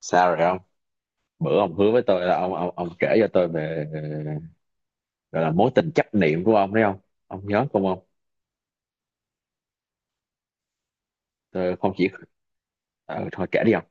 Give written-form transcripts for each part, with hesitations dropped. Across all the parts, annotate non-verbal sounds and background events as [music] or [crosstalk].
Sao rồi không? Bữa ông hứa với tôi là ông kể cho tôi về gọi là mối tình chấp niệm của ông đấy không? Ông nhớ không ông? Tôi không chỉ thôi kể đi không.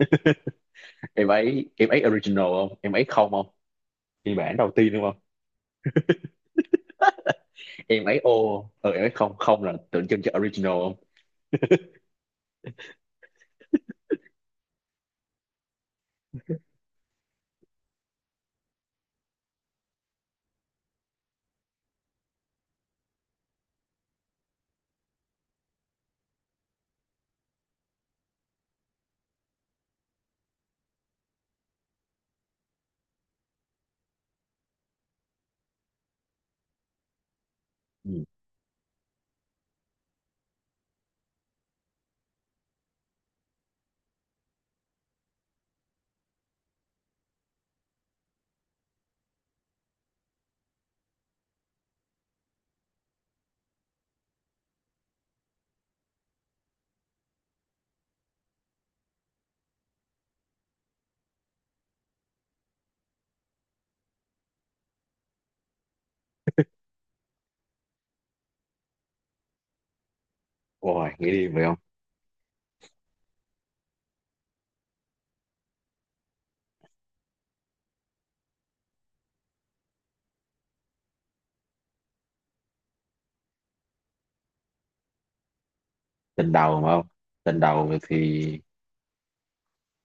[laughs] Em ấy original không? Em ấy không không, phiên bản đầu tiên đúng không? Em ấy ô không? Ừ, em ấy không không là tượng trưng cho original không. Ừ. Ôi nghĩ đi vậy không. Tình đầu mà không, tình đầu thì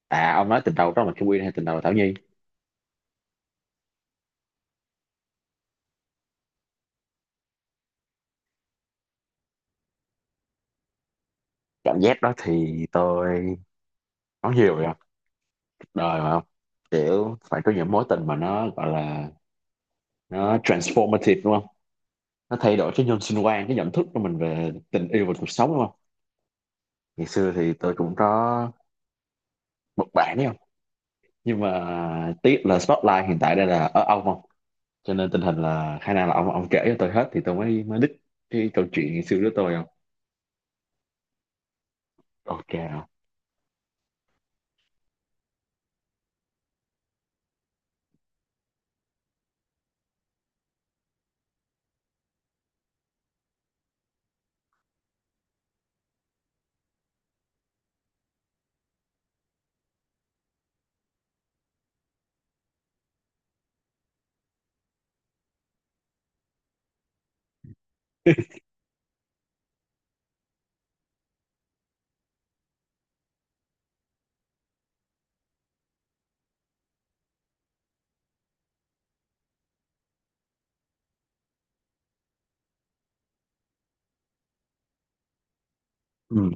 à, ông nói tình đầu đó là Kim Quyên hay tình đầu là Thảo Nhi? Cảm giác đó thì tôi nói nhiều rồi không. Cuộc đời mà không, kiểu phải có những mối tình mà nó gọi là nó transformative đúng không, nó thay đổi cái nhân sinh quan, cái nhận thức của mình về tình yêu và cuộc sống đúng không. Ngày xưa thì tôi cũng có một bạn đấy không, nhưng mà tiếc là Spotlight hiện tại đây là ở ông không, cho nên tình hình là khả năng là ông kể cho tôi hết thì tôi mới mới đích cái câu chuyện ngày xưa của tôi không. Ok không. [laughs] Ừ.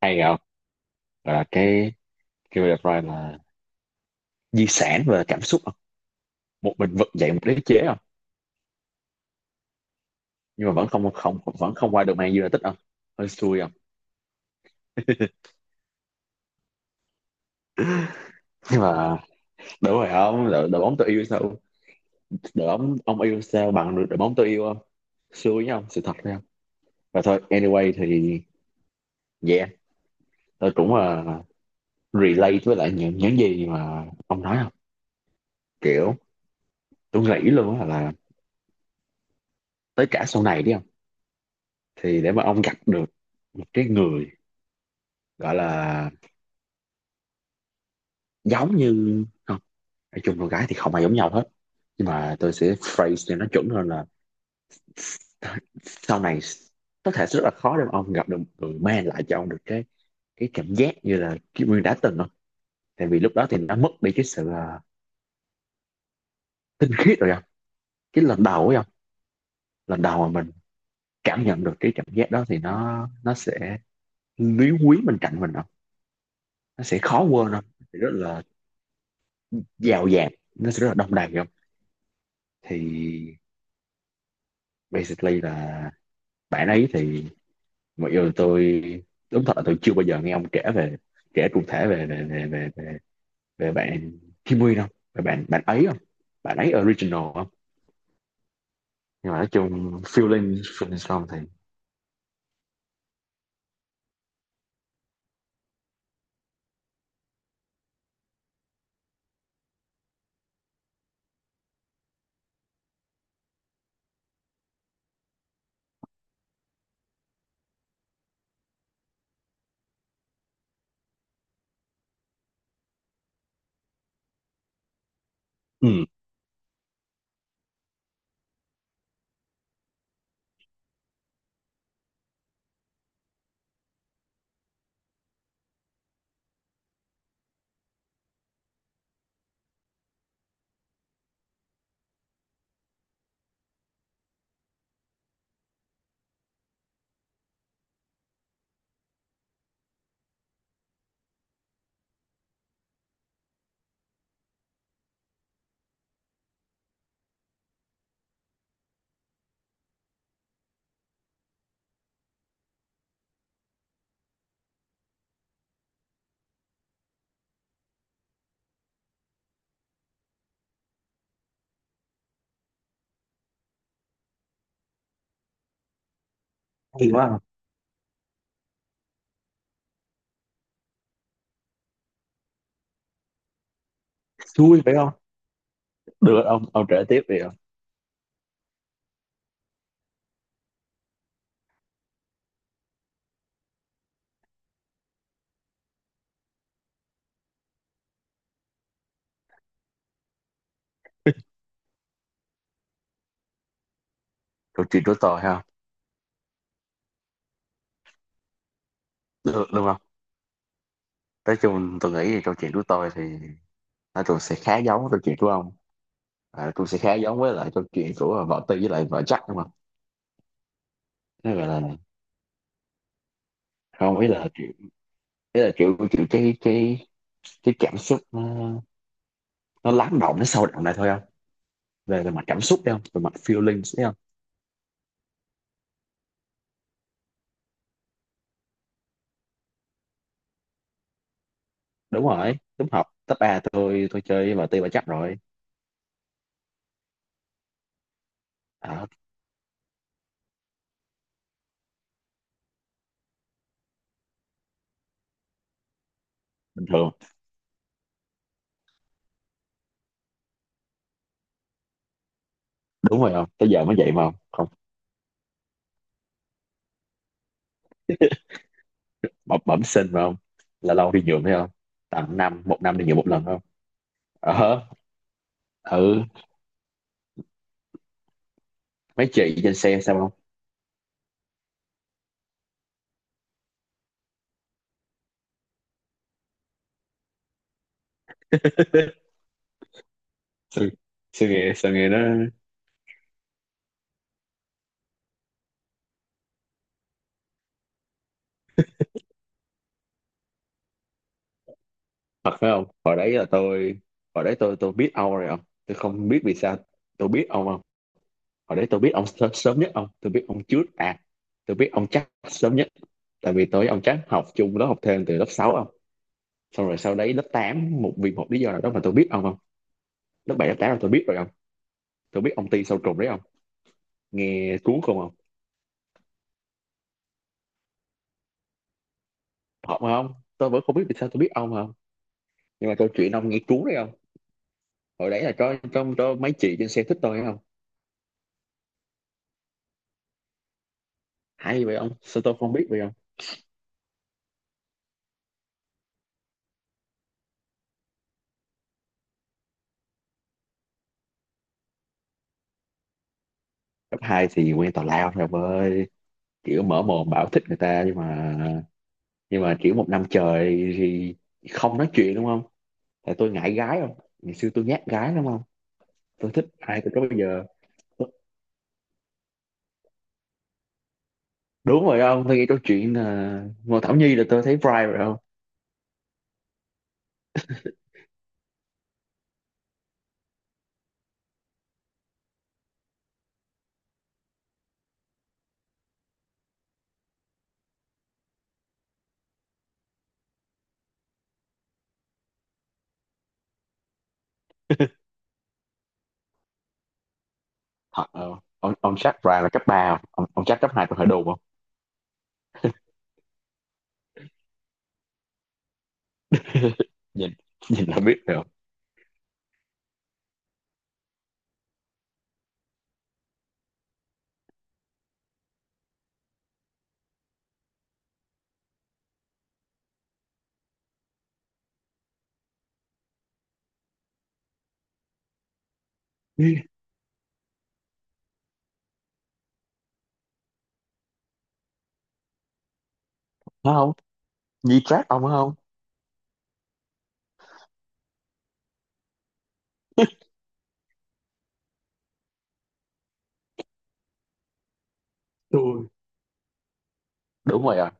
Hay không. Gọi là cái kêu đẹp Pride là di sản về cảm xúc không, một mình vực dậy một đế chế không. Nhưng mà vẫn không không, vẫn không qua được Man United không. Hơi xui không. [laughs] Nhưng mà đúng rồi không, đội bóng tôi yêu sao, đội bóng ông yêu sao bằng đội đội bóng tôi yêu không. Xui với ông sự thật đấy không. Và thôi anyway thì yeah, tôi cũng relate với lại những gì mà ông nói không. Kiểu tôi nghĩ luôn á là tới cả sau này đi không, thì để mà ông gặp được một cái người gọi là giống như không, nói chung con gái thì không ai giống nhau hết, nhưng mà tôi sẽ phrase cho nó chuẩn hơn là sau này có thể rất là khó để mà ông gặp được một người mang lại cho ông được cái cảm giác như là Kim Nguyên đã từng không. Tại vì lúc đó thì nó mất đi cái sự tinh khiết rồi không, cái lần đầu ấy không. Lần đầu mà mình cảm nhận được cái cảm giác đó thì nó sẽ lý quý bên cạnh mình không. Nó sẽ khó quên không. Nó sẽ rất là giàu dạt, nó sẽ rất là đông đầy không. Thì basically là bạn ấy thì mọi người tôi đúng thật là tôi chưa bao giờ nghe ông kể về, kể cụ thể về về về về về, về bạn Kim Nguyên không, về bạn bạn ấy không, bạn ấy original không. Nhưng mà nói chung feeling feeling xong thì ừ. Hay quá không. Vui phải không? Được, ông kể tiếp đi không. Câu chuyện của tôi ha? Được đúng không. Nói chung tôi nghĩ thì câu chuyện của tôi thì nói chung sẽ khá giống với câu chuyện của ông, à, cũng sẽ khá giống với lại câu chuyện của vợ Tư với lại vợ Jack đúng không. Nó gọi là không, ý là kiểu, ý là kiểu kiểu cái cảm xúc nó lắng động nó sâu đậm lại thôi không. Về về mặt cảm xúc đấy không, về mặt feelings đấy không. Đúng rồi, đúng, học cấp ba tôi chơi với vợ Tư vợ Jack rồi. À, bình thường. Đúng rồi không, tới giờ mới vậy mà không không. Bẩm sinh mà không, là lâu đi nhuộm thấy không, tầm năm một năm đi nhuộm một lần không. Ờ. Ừ. Mấy chị trên xe sao không. [laughs] Sao, sao nghe, sao nghe nó thật phải không. Hồi đấy là tôi, hồi đấy tôi biết ông rồi không. Tôi không biết vì sao tôi biết ông không. Hồi đấy tôi biết ông sớm nhất, ông tôi biết ông trước à, tôi biết ông chắc sớm nhất. Tại vì tôi với ông chắc học chung lớp học thêm từ lớp sáu không? Xong rồi sau đấy lớp tám, một vì một lý do nào đó mà tôi biết ông không. Lớp 7 lớp 8 là tôi biết rồi không. Tôi biết ông ti sâu trùng đấy không. Nghe cuốn không không. Hợp không, tôi vẫn không biết vì sao tôi biết ông không. Nhưng mà câu chuyện ông nghe cuốn đấy không. Hồi đấy là có trong có mấy chị trên xe thích tôi thấy không. Hay vậy ông, sao tôi không biết vậy không. Cấp hai thì quen tào lao rồi ông ơi, kiểu mở mồm bảo thích người ta nhưng mà, nhưng mà kiểu một năm trời thì không nói chuyện đúng không. Tại tôi ngại gái không, ngày xưa tôi nhát gái đúng không. Tôi thích ai từ đó bây giờ. Đúng rồi ông, tôi nghe câu chuyện là Ngô Thảo Nhi là tôi thấy pride rồi không. [laughs] Thật ông chắc pride là cấp ba không ông, ông chắc cấp hai tôi phải đùn không. [laughs] Nhìn, nhìn là biết rồi. Nó không, di trác ông phải không. Tôi đúng rồi à.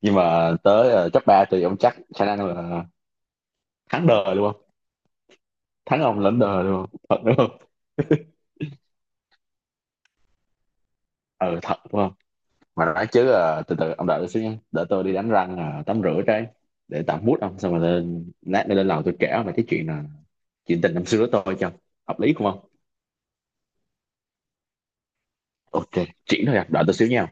Nhưng mà tới top ba thì ông chắc khả năng là thắng đời luôn không. Thắng ông lãnh đời luôn không thật đúng không. Ừ thật đúng không. Mà nói chứ từ từ ông đợi tôi xíu nha, để tôi đi đánh răng tắm rửa cái, để tạm mút ông xong rồi lên, lát nữa lên lầu tôi kể ông về cái chuyện là chuyện tình năm xưa của tôi cho hợp lý không không. Ok chuyện thôi à, đợi tôi xíu nha.